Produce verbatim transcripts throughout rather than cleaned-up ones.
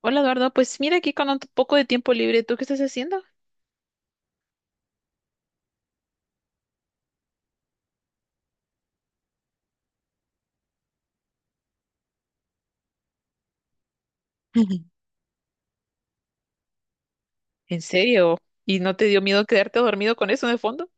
Hola Eduardo, pues mira aquí con un poco de tiempo libre, ¿tú qué estás haciendo? ¿En serio? ¿Y no te dio miedo quedarte dormido con eso de fondo?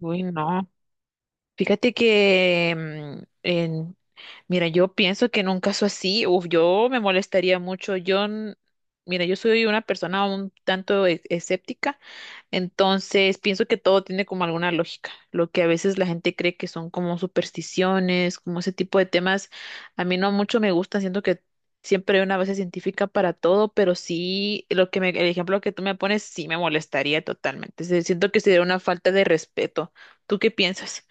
Uy, no. Fíjate que, mm, en- Mira, yo pienso que en un caso así, uf, yo me molestaría mucho. Yo, n- mira, yo soy una persona un tanto e- escéptica, entonces pienso que todo tiene como alguna lógica. Lo que a veces la gente cree que son como supersticiones, como ese tipo de temas, a mí no mucho me gustan. Siento que siempre hay una base científica para todo, pero sí, lo que me, el ejemplo que tú me pones sí me molestaría totalmente. Se- Siento que sería una falta de respeto. ¿Tú qué piensas?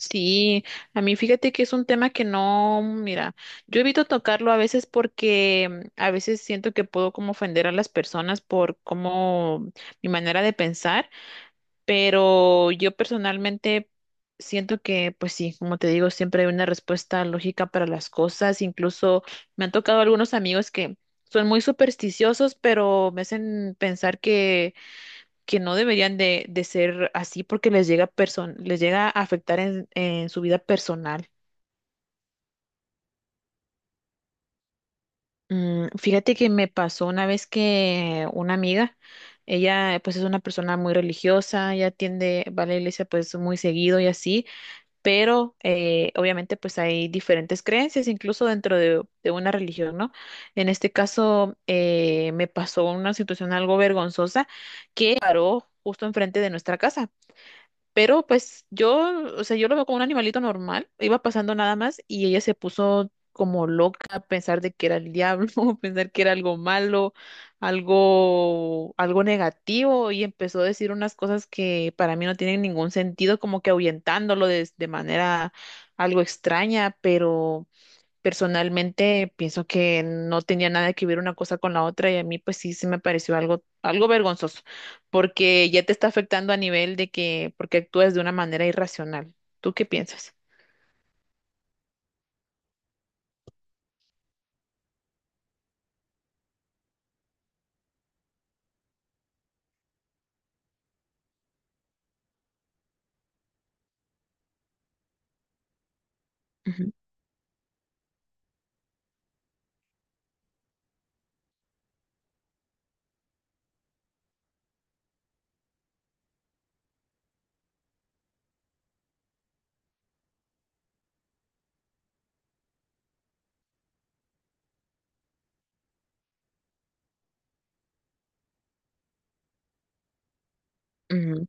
Sí, a mí fíjate que es un tema que no, mira, yo evito tocarlo a veces porque mm, a veces siento que puedo como ofender a las personas por como mi manera de pensar. Pero yo personalmente siento que, pues sí, como te digo, siempre hay una respuesta lógica para las cosas. Incluso me han tocado algunos amigos que son muy supersticiosos, pero me hacen pensar que, que no deberían de, de ser así porque les llega, person- les llega a afectar en, en su vida personal. Mm, fíjate que me pasó una vez que una amiga, ella pues es una persona muy religiosa, ella tiende, va a la iglesia pues muy seguido y así. Pero eh, obviamente pues hay diferentes creencias, incluso dentro de, de una religión, ¿no? En este caso eh, me pasó una situación algo vergonzosa que paró justo enfrente de nuestra casa. Pero pues yo, o sea, yo lo veo como un animalito normal, iba pasando nada más y ella se puso como loca a pensar de que era el diablo, pensar que era algo malo, algo, algo negativo y empezó a decir unas cosas que para mí no tienen ningún sentido, como que ahuyentándolo de, de manera algo extraña, pero... Personalmente pienso que no tenía nada que ver una cosa con la otra y a mí pues sí se me pareció algo, algo vergonzoso, porque ya te está afectando a nivel de que, porque actúas de una manera irracional. ¿Tú qué piensas? Ujú, ujú.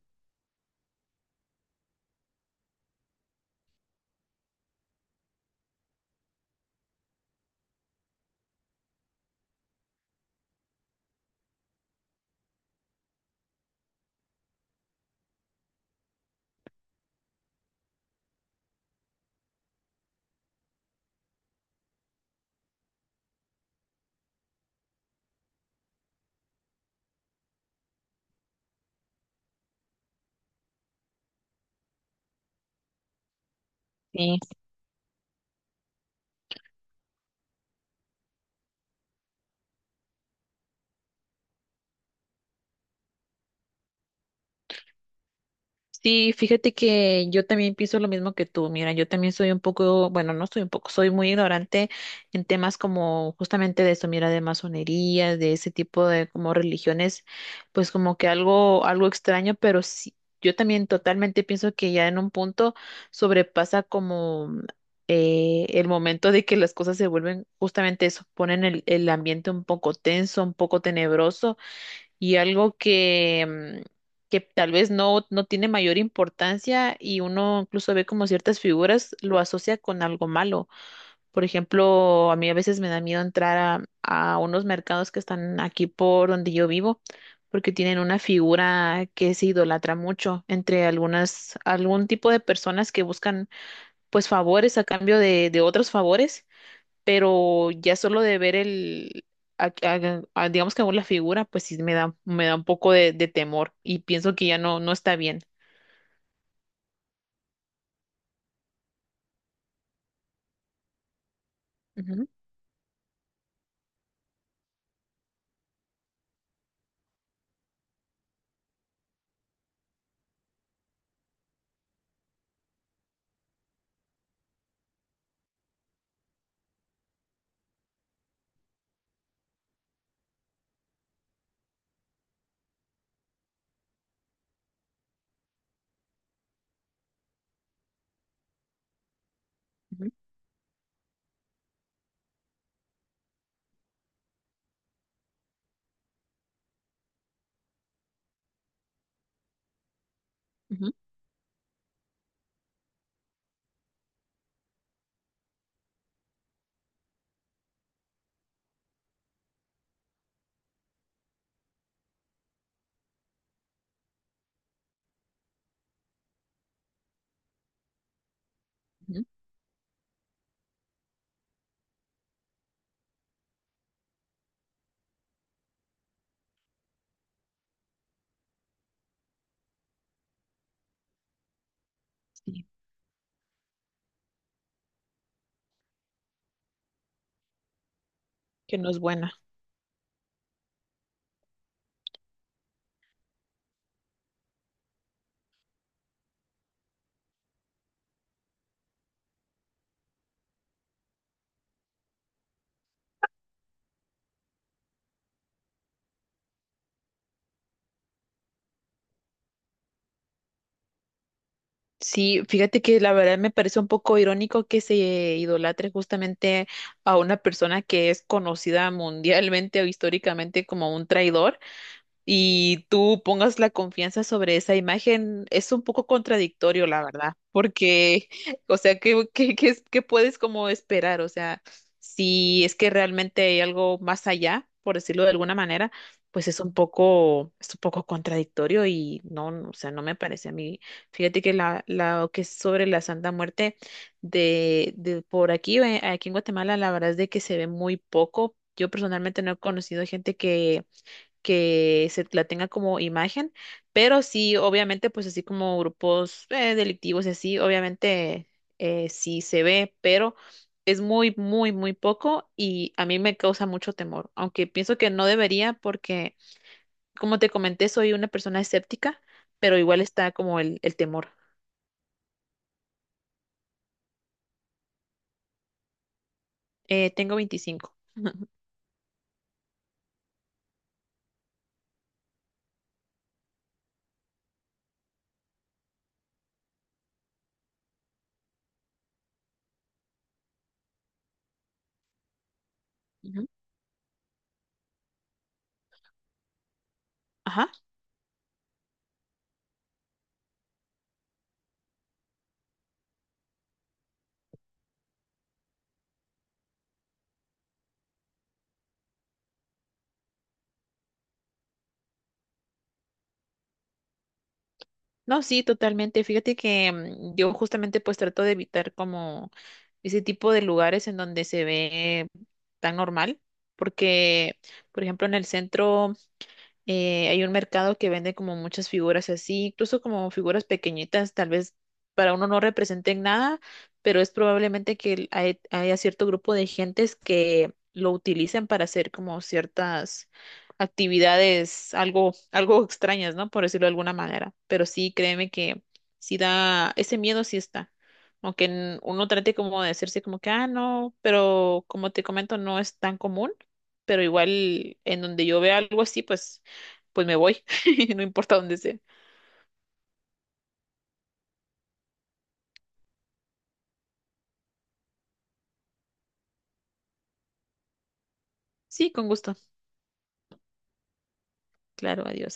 Sí, fíjate que yo también pienso lo mismo que tú. Mira, yo también soy un poco, bueno, no soy un poco, soy muy ignorante en temas como justamente de eso, mira, de masonería, de ese tipo de como religiones, pues como que algo, algo extraño, pero sí, yo también totalmente pienso que ya en un punto sobrepasa como mm, eh, el momento de que las cosas se vuelven justamente eso, ponen el, el ambiente un poco tenso, un poco tenebroso y algo que, mm, que tal vez no, no tiene mayor importancia y uno incluso ve como ciertas figuras lo asocia con algo malo. Por ejemplo, a mí a veces me da miedo entrar a, a unos mercados que están aquí por donde yo vivo, porque tienen una figura que se idolatra mucho entre algunas, algún tipo de personas que buscan pues favores a cambio de, de otros favores, pero ya solo de ver el, a- a- a- digamos que aún la figura, pues sí me da, me da un poco de, de temor y pienso que ya no, no está bien. Ujú, ujú, ujú, ujú. Sí, que no es buena. Sí, fíjate que la verdad me parece un poco irónico que se idolatre justamente a una persona que es conocida mundialmente o históricamente como un traidor y tú pongas la confianza sobre esa imagen, es un poco contradictorio, la verdad, porque, o sea, ¿qué, qué, qué es- qué puedes como esperar? O sea, si es que realmente hay algo más allá, por decirlo de alguna manera, pues es un poco, es un poco contradictorio y no, no, o sea, no me parece a mí. Fíjate que la, la- que es sobre la Santa Muerte de, de por aquí, eh, aquí en Guatemala, la verdad es de que se ve muy poco. Yo personalmente no he conocido gente que que se la tenga como imagen, pero sí, obviamente, pues así como grupos eh, delictivos y así, obviamente eh, sí se ve, pero es muy, muy, muy poco y a mí me causa mucho temor, aunque pienso que no debería porque, como te comenté, soy una persona escéptica, pero igual está como el, el temor. Eh, tengo veinticinco. Ujú. Ajá. No, sí, totalmente. Fíjate que mm, yo justamente pues trato de evitar como ese tipo de lugares en donde se ve tan normal, porque por ejemplo en el centro eh, hay un mercado que vende como muchas figuras así, incluso como figuras pequeñitas, tal vez para uno no representen nada, pero es probablemente que el- hay- haya cierto grupo de gentes que lo utilizan para hacer como ciertas actividades algo, algo extrañas, ¿no? Por decirlo de alguna manera. Pero sí, créeme que sí da, ese miedo sí está. Aunque n- uno trate como de hacerse como que, ah, no, pero como te comento, no es tan común, pero igual en donde yo vea algo así, pues pues me voy, no importa dónde sea. Sí, con gusto. Claro, adiós.